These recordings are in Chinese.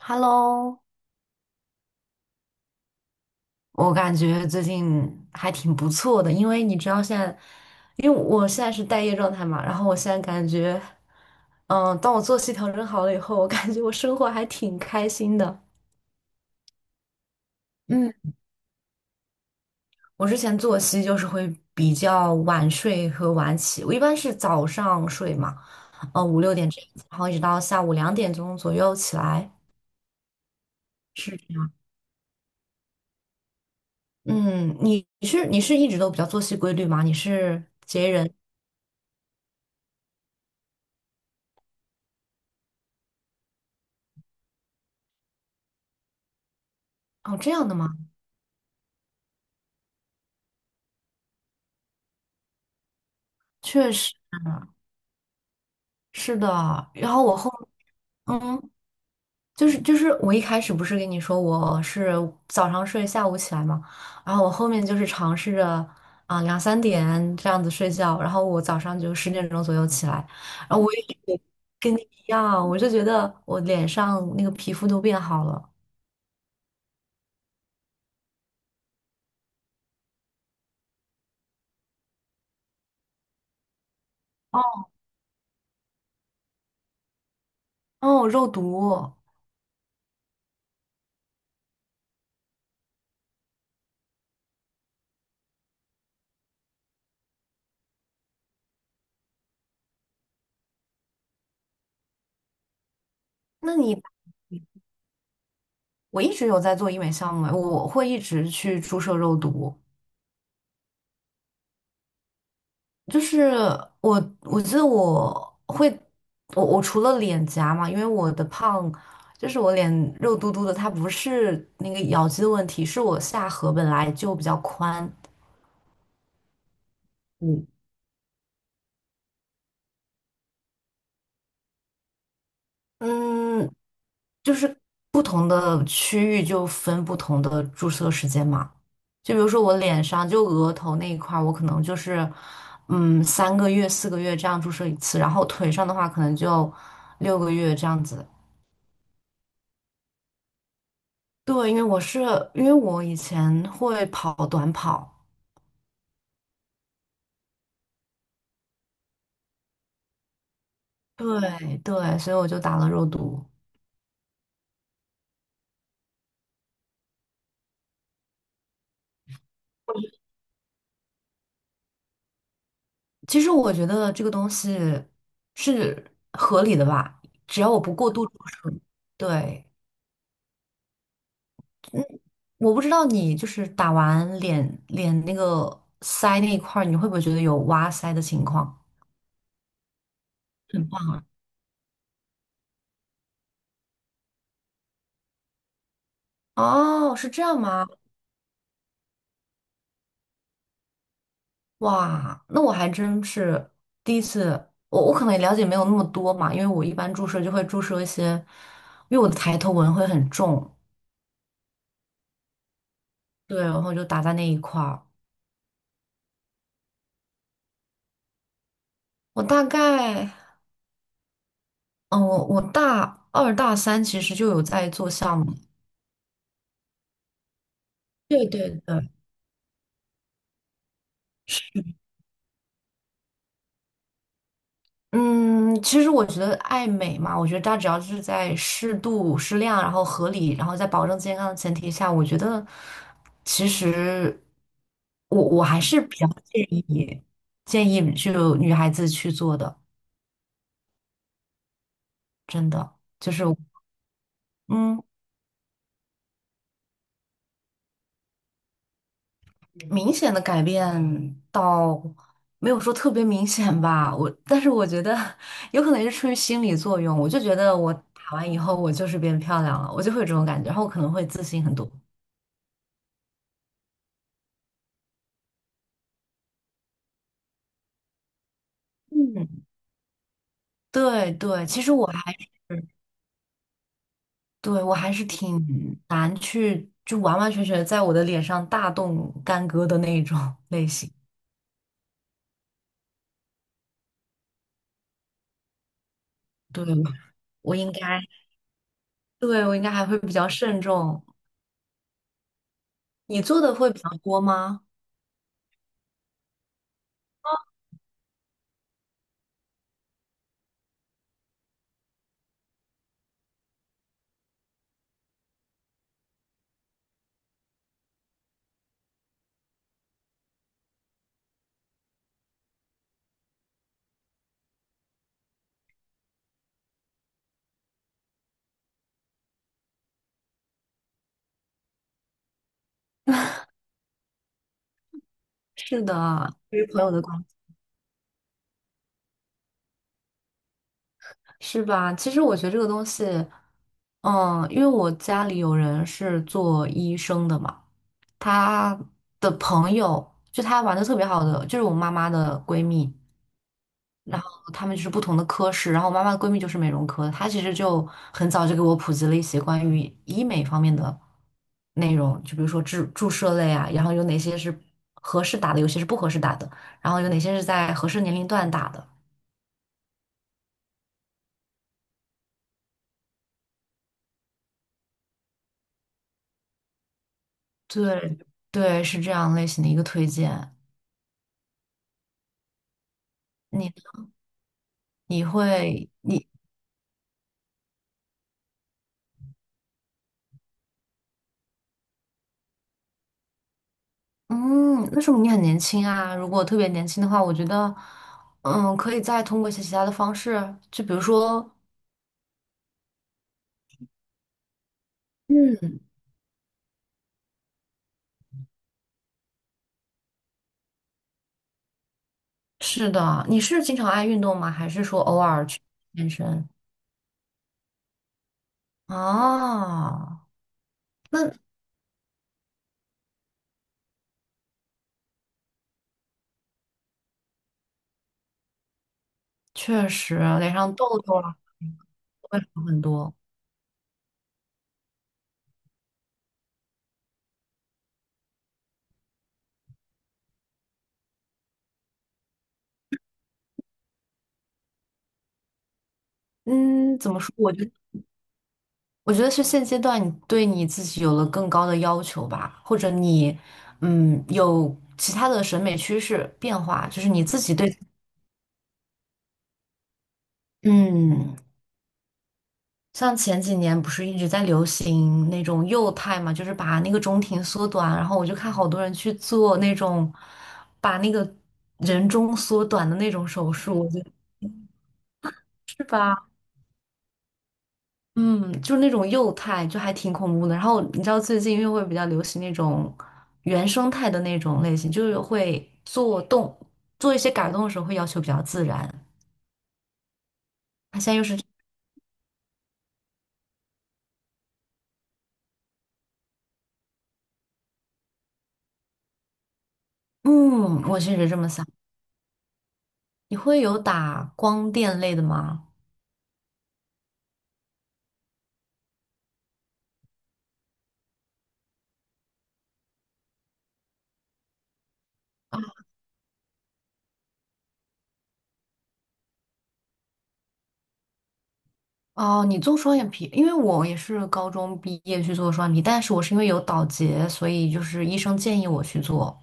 Hello，我感觉最近还挺不错的，因为你知道现在，因为我现在是待业状态嘛，然后我现在感觉，当我作息调整好了以后，我感觉我生活还挺开心的。嗯，我之前作息就是会比较晚睡和晚起，我一般是早上睡嘛，5、6点这样子然后一直到下午2点钟左右起来。是这样。嗯，你是一直都比较作息规律吗？你是节人哦这样的吗？确实是的。然后我后，嗯，就是我一开始不是跟你说我是早上睡，下午起来嘛，然后我后面就是尝试着2、3点这样子睡觉，然后我早上就10点钟左右起来，然后我也跟你一样，我就觉得我脸上那个皮肤都变好了。哦，哦，肉毒，那你我一直有在做医美项目哎，我会一直去注射肉毒。就是我，我记得我会，我除了脸颊嘛，因为我的胖，就是我脸肉嘟嘟的，它不是那个咬肌的问题，是我下颌本来就比较宽，嗯，嗯，就是不同的区域就分不同的注射时间嘛，就比如说我脸上就额头那一块儿我可能就是，3个月、4个月这样注射一次，然后腿上的话可能就6个月这样子。对，因为我以前会跑短跑，对对，所以我就打了肉毒。其实我觉得这个东西是合理的吧，只要我不过度注射对，嗯，我不知道你就是打完脸那个腮那一块儿，你会不会觉得有挖腮的情况？很棒哦，是这样吗？哇，那我还真是第一次，我可能也了解没有那么多嘛，因为我一般注射就会注射一些，因为我的抬头纹会很重，对，然后就打在那一块儿。我大概，嗯，我大二大三其实就有在做项目，对对对，是。嗯，其实我觉得爱美嘛，我觉得它只要是在适度、适量，然后合理，然后在保证健康的前提下，我觉得其实我还是比较建议就女孩子去做的，真的就是嗯，明显的改变倒没有说特别明显吧，但是我觉得 有可能是出于心理作用，我就觉得我打完以后我就是变漂亮了，我就会有这种感觉，然后我可能会自信很多。嗯。对对，其实我还是对我还是挺难去就完完全全在我的脸上大动干戈的那种 类型。对，我应该，对我应该还会比较慎重。你做的会比较多吗？是的，对于朋友的关系，是吧？其实我觉得这个东西，因为我家里有人是做医生的嘛，他的朋友就他玩的特别好的，就是我妈妈的闺蜜。然后他们就是不同的科室，然后我妈妈的闺蜜就是美容科的，她其实就很早就给我普及了一些关于医美方面的内容，就比如说注射类啊，然后有哪些是合适打的，有些是不合适打的，然后有哪些是在合适年龄段打的。对对，是这样类型的一个推荐。你呢你会你嗯，那说明你很年轻啊。如果特别年轻的话，我觉得可以再通过一些其他的方式，就比如说。嗯，是的，你是经常爱运动吗？还是说偶尔去健身？啊？那确实脸上痘痘啊会好很多。嗯，怎么说？我觉得是现阶段你对你自己有了更高的要求吧，或者你，有其他的审美趋势变化，就是你自己对，嗯，像前几年不是一直在流行那种幼态嘛，就是把那个中庭缩短，然后我就看好多人去做那种把那个人中缩短的那种手术，我觉得是吧？嗯，就是那种幼态，就还挺恐怖的。然后你知道最近因为会比较流行那种原生态的那种类型，就是会做一些改动的时候会要求比较自然。他现在又是，嗯，我确实这么想。你会有打光电类的吗？哦，你做双眼皮，因为我也是高中毕业去做双眼皮，但是我是因为有倒睫，所以就是医生建议我去做，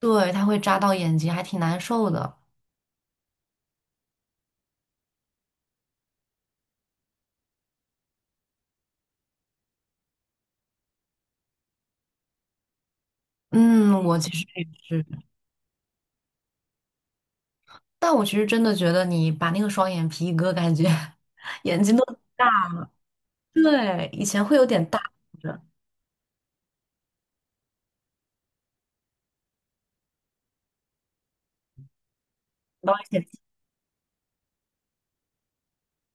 对，它会扎到眼睛，还挺难受的。嗯，我其实也是，但我其实真的觉得你把那个双眼皮一割，感觉 眼睛都大，对，以前会有点大，然后也调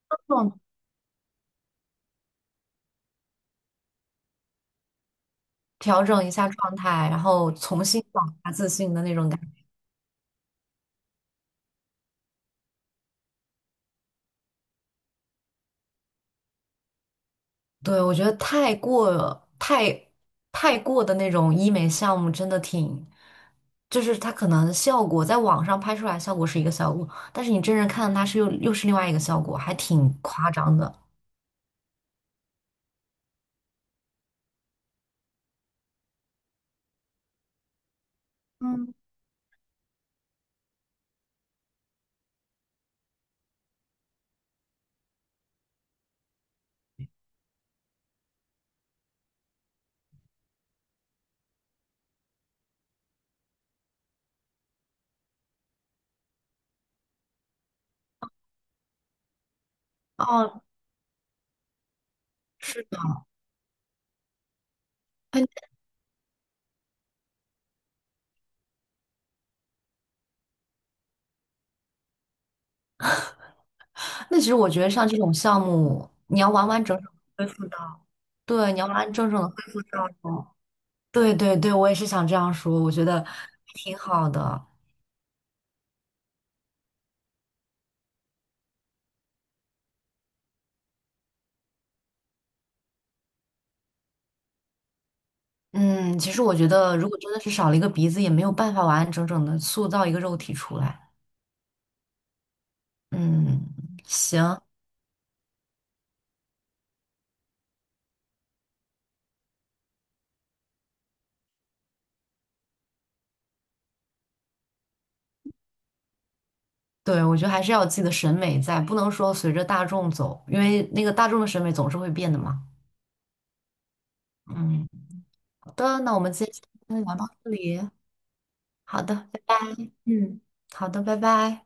整调整一下状态，然后重新找回自信的那种感觉。对，我觉得太过的那种医美项目真的挺，就是它可能效果在网上拍出来效果是一个效果，但是你真人看它是又是另外一个效果，还挺夸张的。哦，是的，哎，那其实我觉得像这种项目，你要完完整整地恢复到，对，你要完完整整的恢复到，对对对，我也是想这样说，我觉得挺好的。嗯，其实我觉得，如果真的是少了一个鼻子，也没有办法完完整整的塑造一个肉体出来。嗯，行，对，我觉得还是要有自己的审美在，不能说随着大众走，因为那个大众的审美总是会变的嘛。嗯，好的，那我们今天先聊到这里。好的，嗯，好的，拜拜。